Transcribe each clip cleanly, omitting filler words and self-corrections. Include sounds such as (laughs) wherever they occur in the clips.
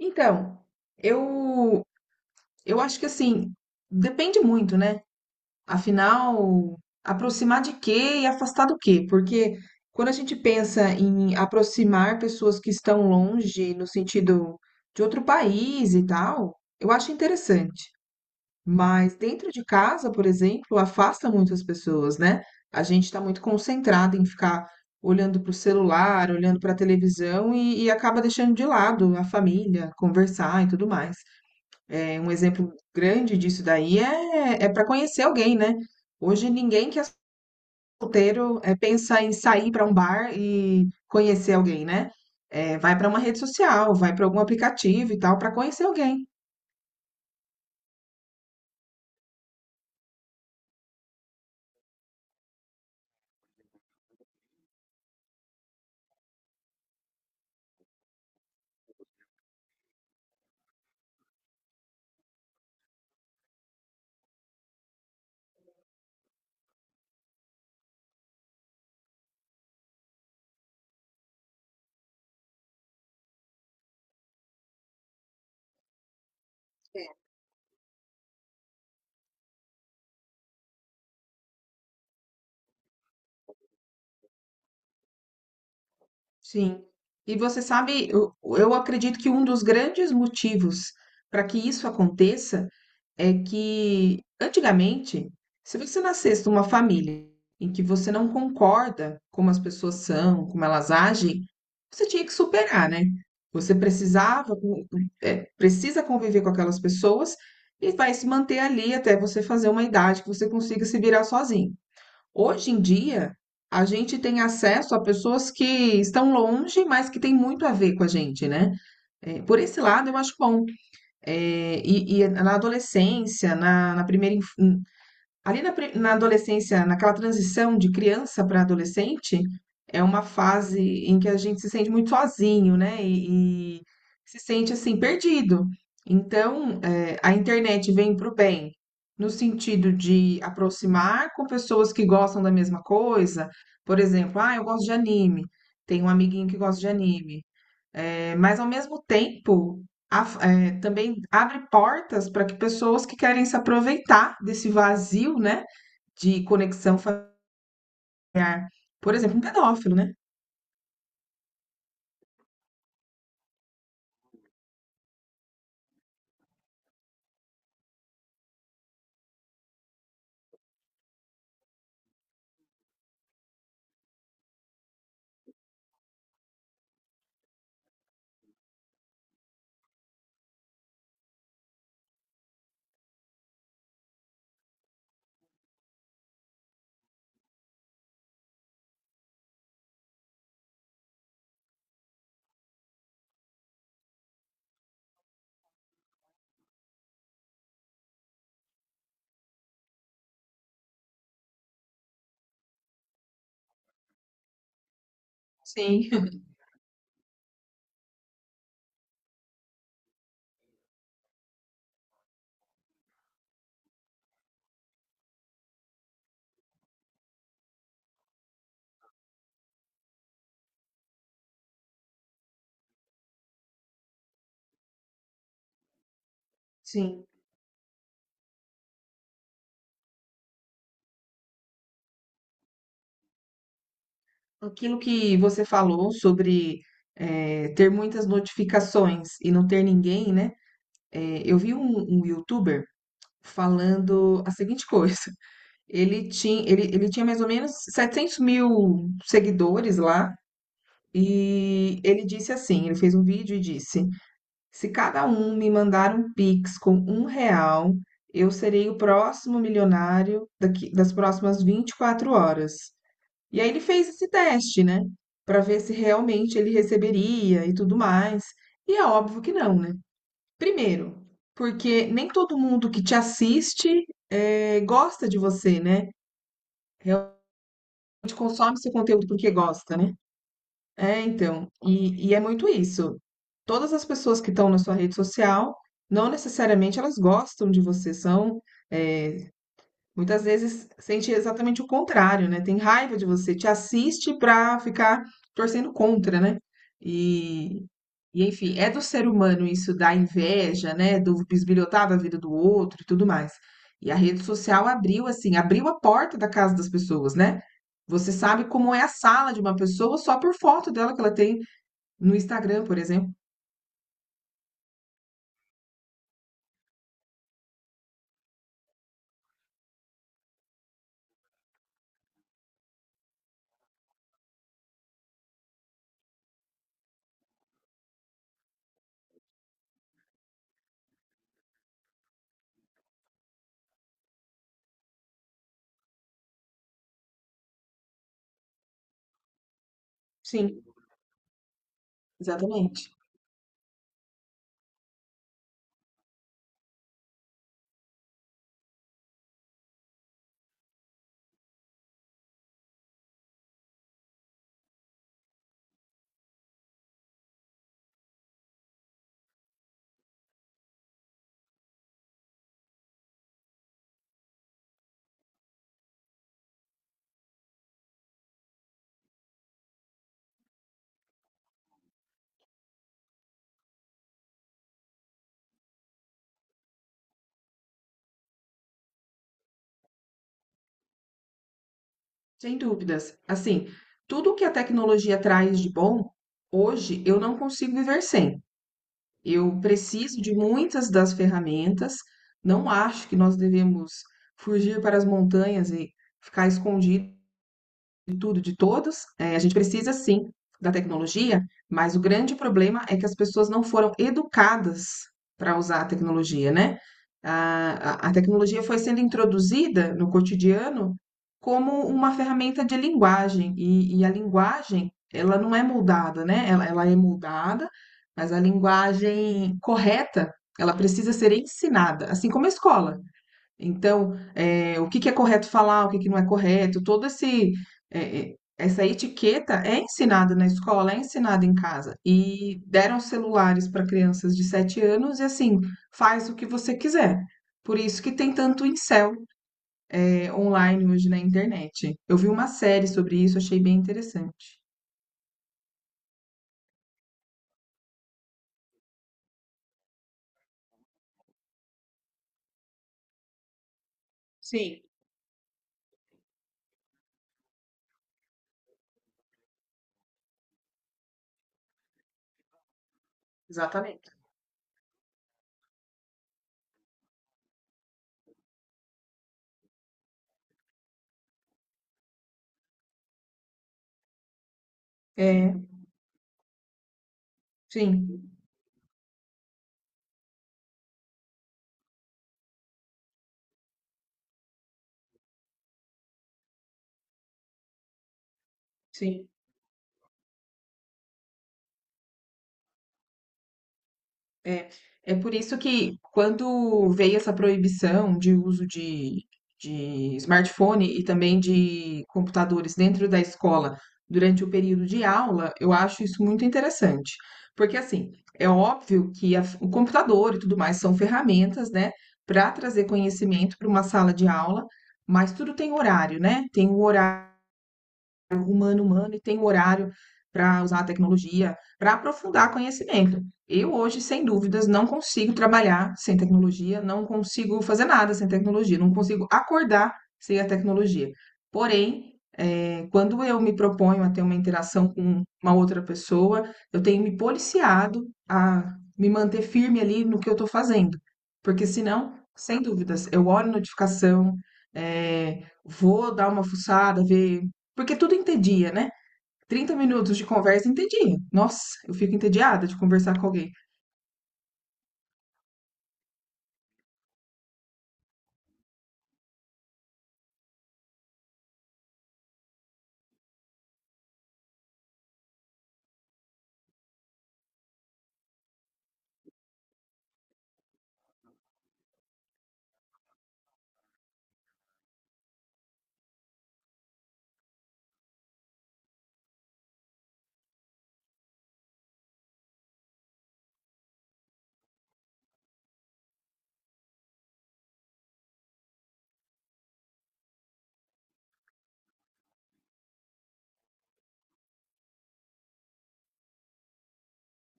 Então, eu eu acho que assim, depende muito, né? Afinal, aproximar de quê e afastar do quê? Porque quando a gente pensa em aproximar pessoas que estão longe, no sentido de outro país e tal, eu acho interessante. Mas dentro de casa, por exemplo, afasta muitas pessoas, né? A gente está muito concentrado em ficar olhando para o celular, olhando para a televisão e acaba deixando de lado a família, conversar e tudo mais. É, um exemplo grande disso daí é para conhecer alguém, né? Hoje ninguém que é solteiro pensa em sair para um bar e conhecer alguém, né? É, vai para uma rede social, vai para algum aplicativo e tal, para conhecer alguém. Sim. E você sabe, eu acredito que um dos grandes motivos para que isso aconteça é que antigamente, se você nascesse numa família em que você não concorda como as pessoas são, como elas agem, você tinha que superar, né? Você precisava, precisa conviver com aquelas pessoas e vai se manter ali até você fazer uma idade que você consiga se virar sozinho. Hoje em dia, a gente tem acesso a pessoas que estão longe, mas que têm muito a ver com a gente, né? É, por esse lado, eu acho bom. E na adolescência, na primeira, ali na, na adolescência, naquela transição de criança para adolescente, é uma fase em que a gente se sente muito sozinho, né? E se sente assim, perdido. Então, a internet vem para o bem, no sentido de aproximar com pessoas que gostam da mesma coisa. Por exemplo, ah, eu gosto de anime. Tem um amiguinho que gosta de anime. É, mas ao mesmo tempo também abre portas para que pessoas que querem se aproveitar desse vazio, né, de conexão familiar, por exemplo, um pedófilo, né? Sim, (laughs) Sim. Aquilo que você falou sobre é, ter muitas notificações e não ter ninguém, né? É, eu vi um YouTuber falando a seguinte coisa. (laughs) Ele tinha mais ou menos 700.000 seguidores lá. E ele disse assim: ele fez um vídeo e disse: se cada um me mandar um Pix com R$ 1, eu serei o próximo milionário daqui, das próximas 24 horas. E aí ele fez esse teste, né? Para ver se realmente ele receberia e tudo mais. E é óbvio que não, né? Primeiro, porque nem todo mundo que te assiste gosta de você, né? Realmente consome seu conteúdo porque gosta, né? É, então, e é muito isso. Todas as pessoas que estão na sua rede social, não necessariamente elas gostam de você, são, eh, muitas vezes sente exatamente o contrário, né? Tem raiva de você, te assiste pra ficar torcendo contra, né? E, e enfim, é do ser humano isso da inveja, né? Do bisbilhotar da vida do outro e tudo mais. E a rede social abriu assim, abriu a porta da casa das pessoas, né? Você sabe como é a sala de uma pessoa só por foto dela que ela tem no Instagram, por exemplo. Sim, exatamente. Sem dúvidas. Assim, tudo que a tecnologia traz de bom, hoje eu não consigo viver sem. Eu preciso de muitas das ferramentas. Não acho que nós devemos fugir para as montanhas e ficar escondido de tudo, de todos. A gente precisa sim da tecnologia, mas o grande problema é que as pessoas não foram educadas para usar a tecnologia, né? A tecnologia foi sendo introduzida no cotidiano como uma ferramenta de linguagem, e a linguagem, ela não é moldada, né? Ela é moldada, mas a linguagem correta, ela precisa ser ensinada, assim como a escola. Então, o que que é correto falar, o que que não é correto, todo esse eh eh, essa etiqueta é ensinada na escola, é ensinada em casa. E deram celulares para crianças de 7 anos e, assim, faz o que você quiser. Por isso que tem tanto incel, online hoje na internet. Eu vi uma série sobre isso, achei bem interessante. Exatamente. É, sim, sim. É, é por isso que quando veio essa proibição de uso de smartphone e também de computadores dentro da escola durante o período de aula, eu acho isso muito interessante. Porque, assim, é óbvio que o computador e tudo mais são ferramentas, né, para trazer conhecimento para uma sala de aula, mas tudo tem horário, né? Tem um horário diálogo humano-humano e tem um horário para usar a tecnologia, para aprofundar conhecimento. Eu hoje, sem dúvidas, não consigo trabalhar sem tecnologia, não consigo fazer nada sem tecnologia, não consigo acordar sem a tecnologia. Porém, quando eu me proponho a ter uma interação com uma outra pessoa, eu tenho me policiado a me manter firme ali no que eu estou fazendo. Porque senão, sem dúvidas, eu olho notificação, vou dar uma fuçada, ver. Porque tudo entedia, né? 30 minutos de conversa entedia. Nossa, eu fico entediada de conversar com alguém.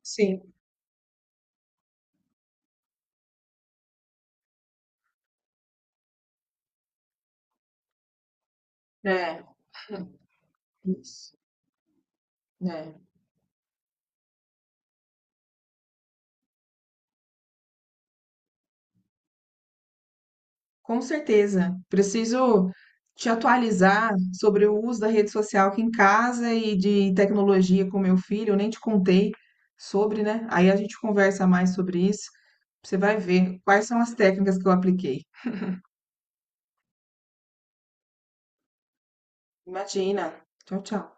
Sim, é, isso, né? Com certeza. Preciso te atualizar sobre o uso da rede social aqui em casa e de tecnologia com meu filho. Eu nem te contei sobre, né? Aí a gente conversa mais sobre isso. Você vai ver quais são as técnicas que eu apliquei. Imagina. Tchau, tchau.